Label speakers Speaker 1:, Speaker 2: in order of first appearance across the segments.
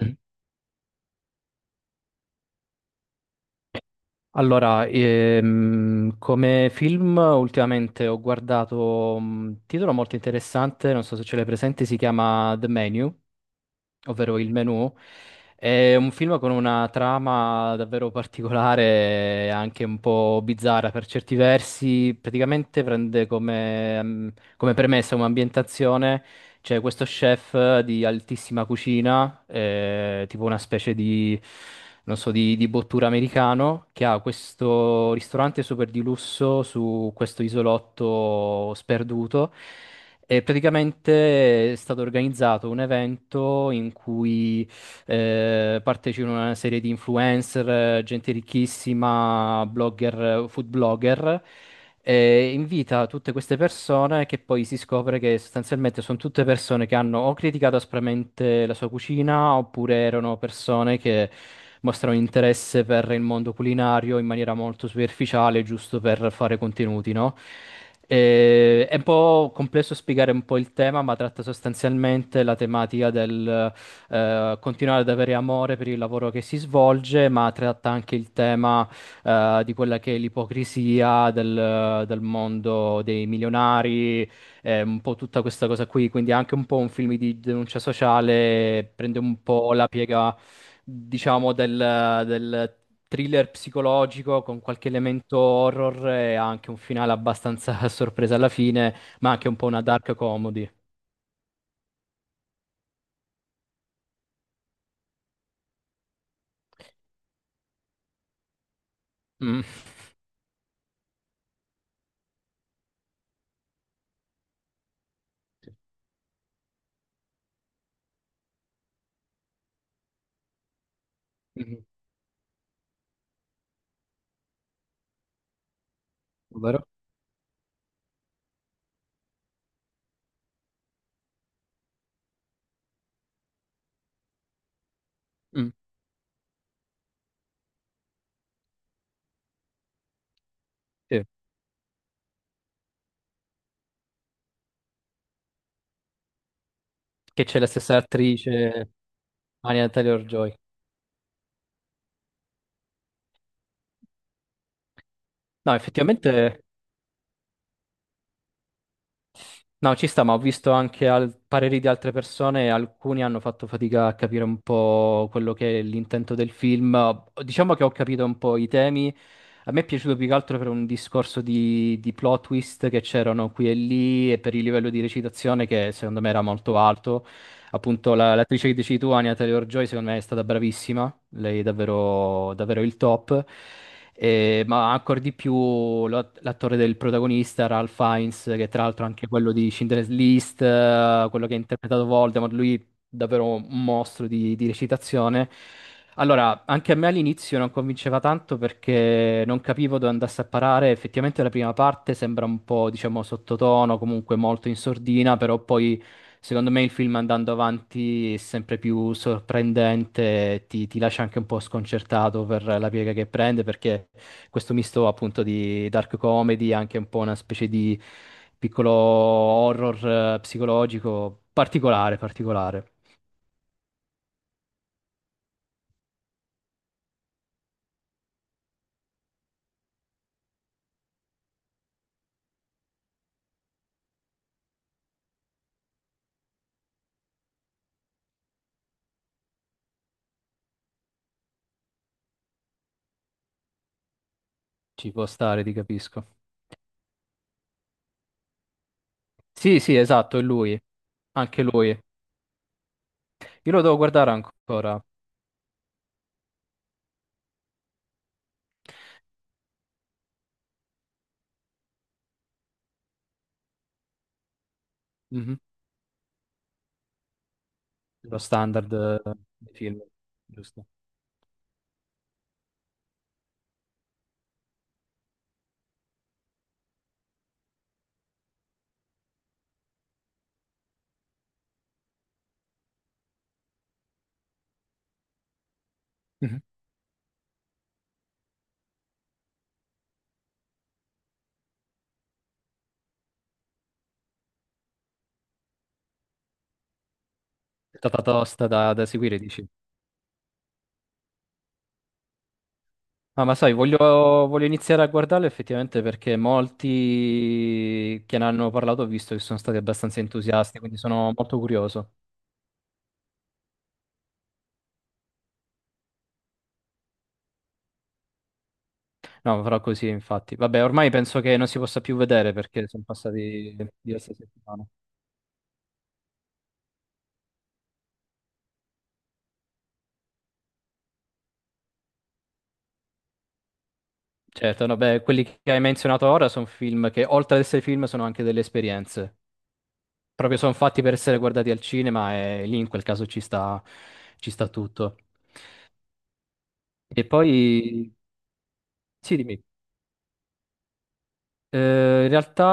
Speaker 1: Mm. Allora, come film ultimamente ho guardato un titolo molto interessante, non so se ce l'hai presente, si chiama The Menu, ovvero Il Menù. È un film con una trama davvero particolare, anche un po' bizzarra per certi versi. Praticamente prende come, come premessa un'ambientazione. C'è questo chef di altissima cucina, tipo una specie di, non so, di bottura americano, che ha questo ristorante super di lusso su questo isolotto sperduto. E praticamente è stato organizzato un evento in cui partecipano a una serie di influencer, gente ricchissima, blogger, food blogger. E invita tutte queste persone che poi si scopre che sostanzialmente sono tutte persone che hanno o criticato aspramente la sua cucina oppure erano persone che mostrano interesse per il mondo culinario in maniera molto superficiale, giusto per fare contenuti, no? È un po' complesso spiegare un po' il tema, ma tratta sostanzialmente la tematica del continuare ad avere amore per il lavoro che si svolge, ma tratta anche il tema di quella che è l'ipocrisia del mondo dei milionari, un po' tutta questa cosa qui, quindi è anche un po' un film di denuncia sociale, prende un po' la piega diciamo, del, del thriller psicologico con qualche elemento horror e anche un finale abbastanza a sorpresa alla fine, ma anche un po' una dark comedy. Mm. Mhm. Vero? Mm, sì. Che c'è la stessa attrice, Anya Taylor-Joy. No, effettivamente no, ci sta, ma ho visto anche pareri di altre persone, e alcuni hanno fatto fatica a capire un po' quello che è l'intento del film. Diciamo che ho capito un po' i temi. A me è piaciuto più che altro per un discorso di plot twist che c'erano qui e lì e per il livello di recitazione che secondo me era molto alto, appunto l'attrice che dici tu, Anya Taylor-Joy, secondo me è stata bravissima, lei è davvero, davvero il top. Ma ancora di più l'attore del protagonista, Ralph Fiennes, che tra l'altro è anche quello di Schindler's List, quello che ha interpretato Voldemort, lui davvero un mostro di recitazione. Allora, anche a me all'inizio non convinceva tanto perché non capivo dove andasse a parare. Effettivamente la prima parte sembra un po', diciamo, sottotono, comunque molto in sordina, però poi secondo me il film andando avanti è sempre più sorprendente, ti lascia anche un po' sconcertato per la piega che prende, perché questo misto appunto di dark comedy, anche un po' una specie di piccolo horror psicologico particolare, particolare. Ci può stare, ti capisco. Sì, sì, esatto, è lui. Anche lui. Io lo devo guardare ancora. Mhm. Lo standard dei film, giusto? Mhm. È stata tosta da, da seguire, dici. Ah, ma sai, voglio, voglio iniziare a guardarlo effettivamente perché molti che ne hanno parlato ho visto che sono stati abbastanza entusiasti, quindi sono molto curioso. No, farò così, infatti. Vabbè, ormai penso che non si possa più vedere perché sono passati diverse settimane. Certo, no, beh, quelli che hai menzionato ora sono film che, oltre ad essere film, sono anche delle esperienze. Proprio sono fatti per essere guardati al cinema e lì in quel caso ci sta tutto. E poi, sì, dimmi. In realtà,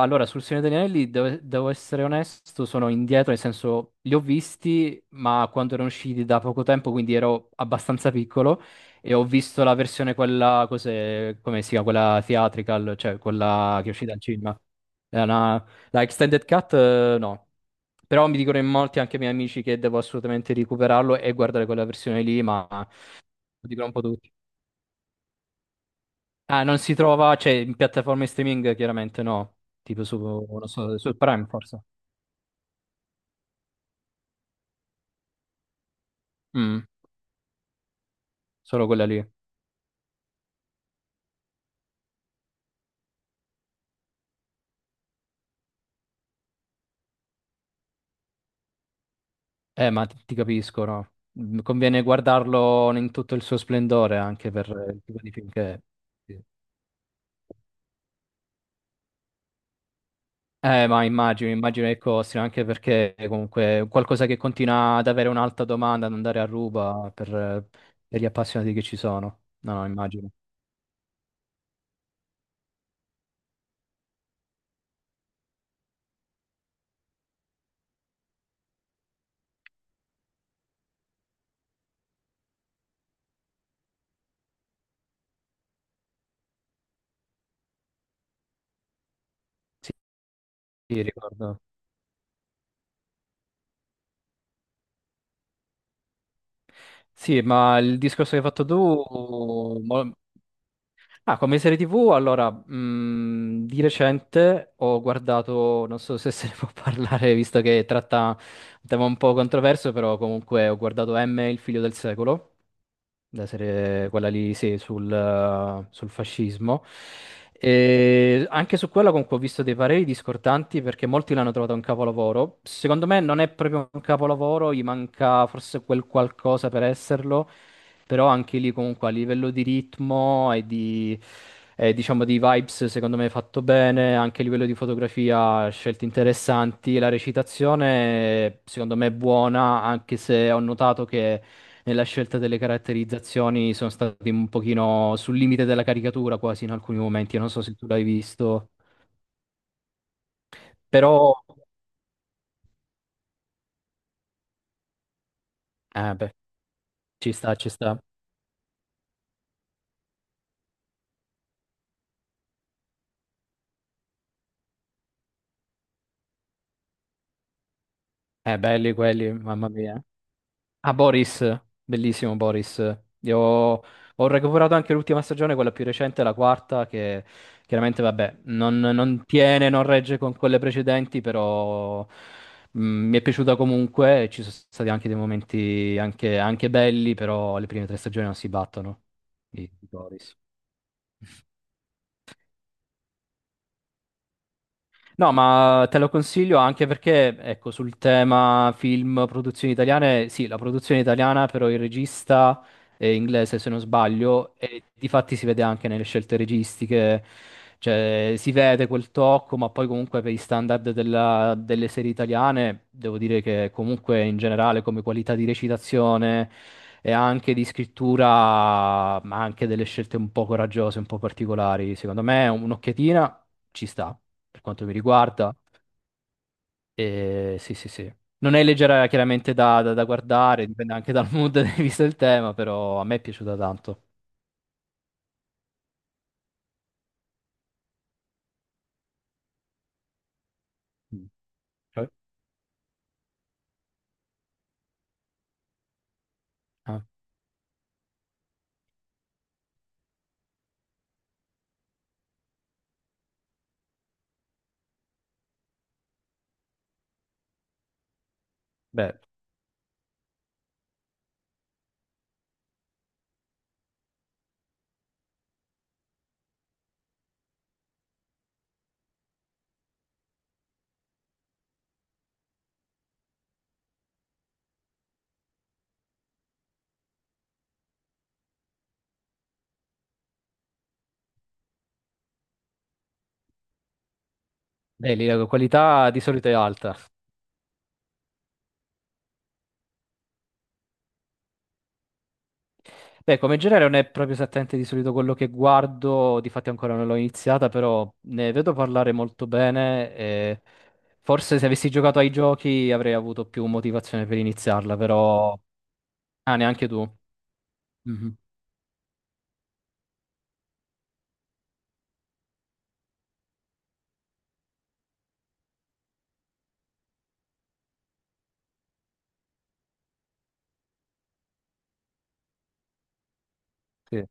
Speaker 1: allora, sul Signore degli Anelli, devo, devo essere onesto, sono indietro, nel senso, li ho visti, ma quando erano usciti da poco tempo, quindi ero abbastanza piccolo, e ho visto la versione quella, cos'è, come si chiama, quella theatrical, cioè quella che è uscita al cinema. È una- la extended cut, no. Però mi dicono in molti, anche i miei amici, che devo assolutamente recuperarlo e guardare quella versione lì, ma lo dicono un po' tutti. Ah, non si trova, cioè, in piattaforme streaming chiaramente no, tipo su, non so, su Prime forse. Mm, solo quella lì. Ma ti, ti capisco, no? Mm, conviene guardarlo in tutto il suo splendore anche per il tipo di film che è. Sì. Ma immagino, immagino che costi, anche perché è comunque è qualcosa che continua ad avere un'alta domanda, ad andare a ruba per gli appassionati che ci sono. No, no, immagino. Sì, sì, ricordo. Sì, ma il discorso che hai fatto tu, mo- ah, come serie TV, allora, di recente ho guardato, non so se se ne può parlare, visto che tratta un tema un po' controverso, però comunque ho guardato M, il figlio del secolo, la serie, quella lì, sì, sul, sul fascismo. E anche su quella comunque ho visto dei pareri discordanti perché molti l'hanno trovata un capolavoro. Secondo me non è proprio un capolavoro, gli manca forse quel qualcosa per esserlo, però anche lì comunque a livello di ritmo e di, e diciamo di vibes secondo me è fatto bene, anche a livello di fotografia scelte interessanti, la recitazione secondo me è buona, anche se ho notato che nella scelta delle caratterizzazioni sono stati un pochino sul limite della caricatura quasi in alcuni momenti, non so se tu l'hai visto, però eh beh, ci sta, ci sta. Belli quelli, mamma mia. Ah, Boris, bellissimo Boris. Io ho, ho recuperato anche l'ultima stagione, quella più recente, la quarta, che chiaramente, vabbè, non, non tiene, non regge con quelle precedenti, però mi è piaciuta comunque. Ci sono stati anche dei momenti anche, anche belli, però le prime tre stagioni non si battono di Boris. No, ma te lo consiglio anche perché, ecco, sul tema film, produzioni italiane, sì, la produzione italiana, però il regista è inglese, se non sbaglio, e difatti si vede anche nelle scelte registiche, cioè si vede quel tocco, ma poi comunque per i standard delle serie italiane, devo dire che comunque in generale come qualità di recitazione e anche di scrittura, ma anche delle scelte un po' coraggiose, un po' particolari, secondo me un'occhiatina ci sta per quanto mi riguarda. E sì, sì, sì. Non è leggera chiaramente da, da guardare, dipende anche dal mood visto il tema, però a me è piaciuta tanto. Mm. Cioè, ah, beh, beh, lì la qualità di solito è alta. Beh, come genere non è proprio esattamente di solito quello che guardo, difatti ancora non l'ho iniziata, però ne vedo parlare molto bene e forse se avessi giocato ai giochi avrei avuto più motivazione per iniziarla, però... Ah, neanche tu. Mhm. Sì.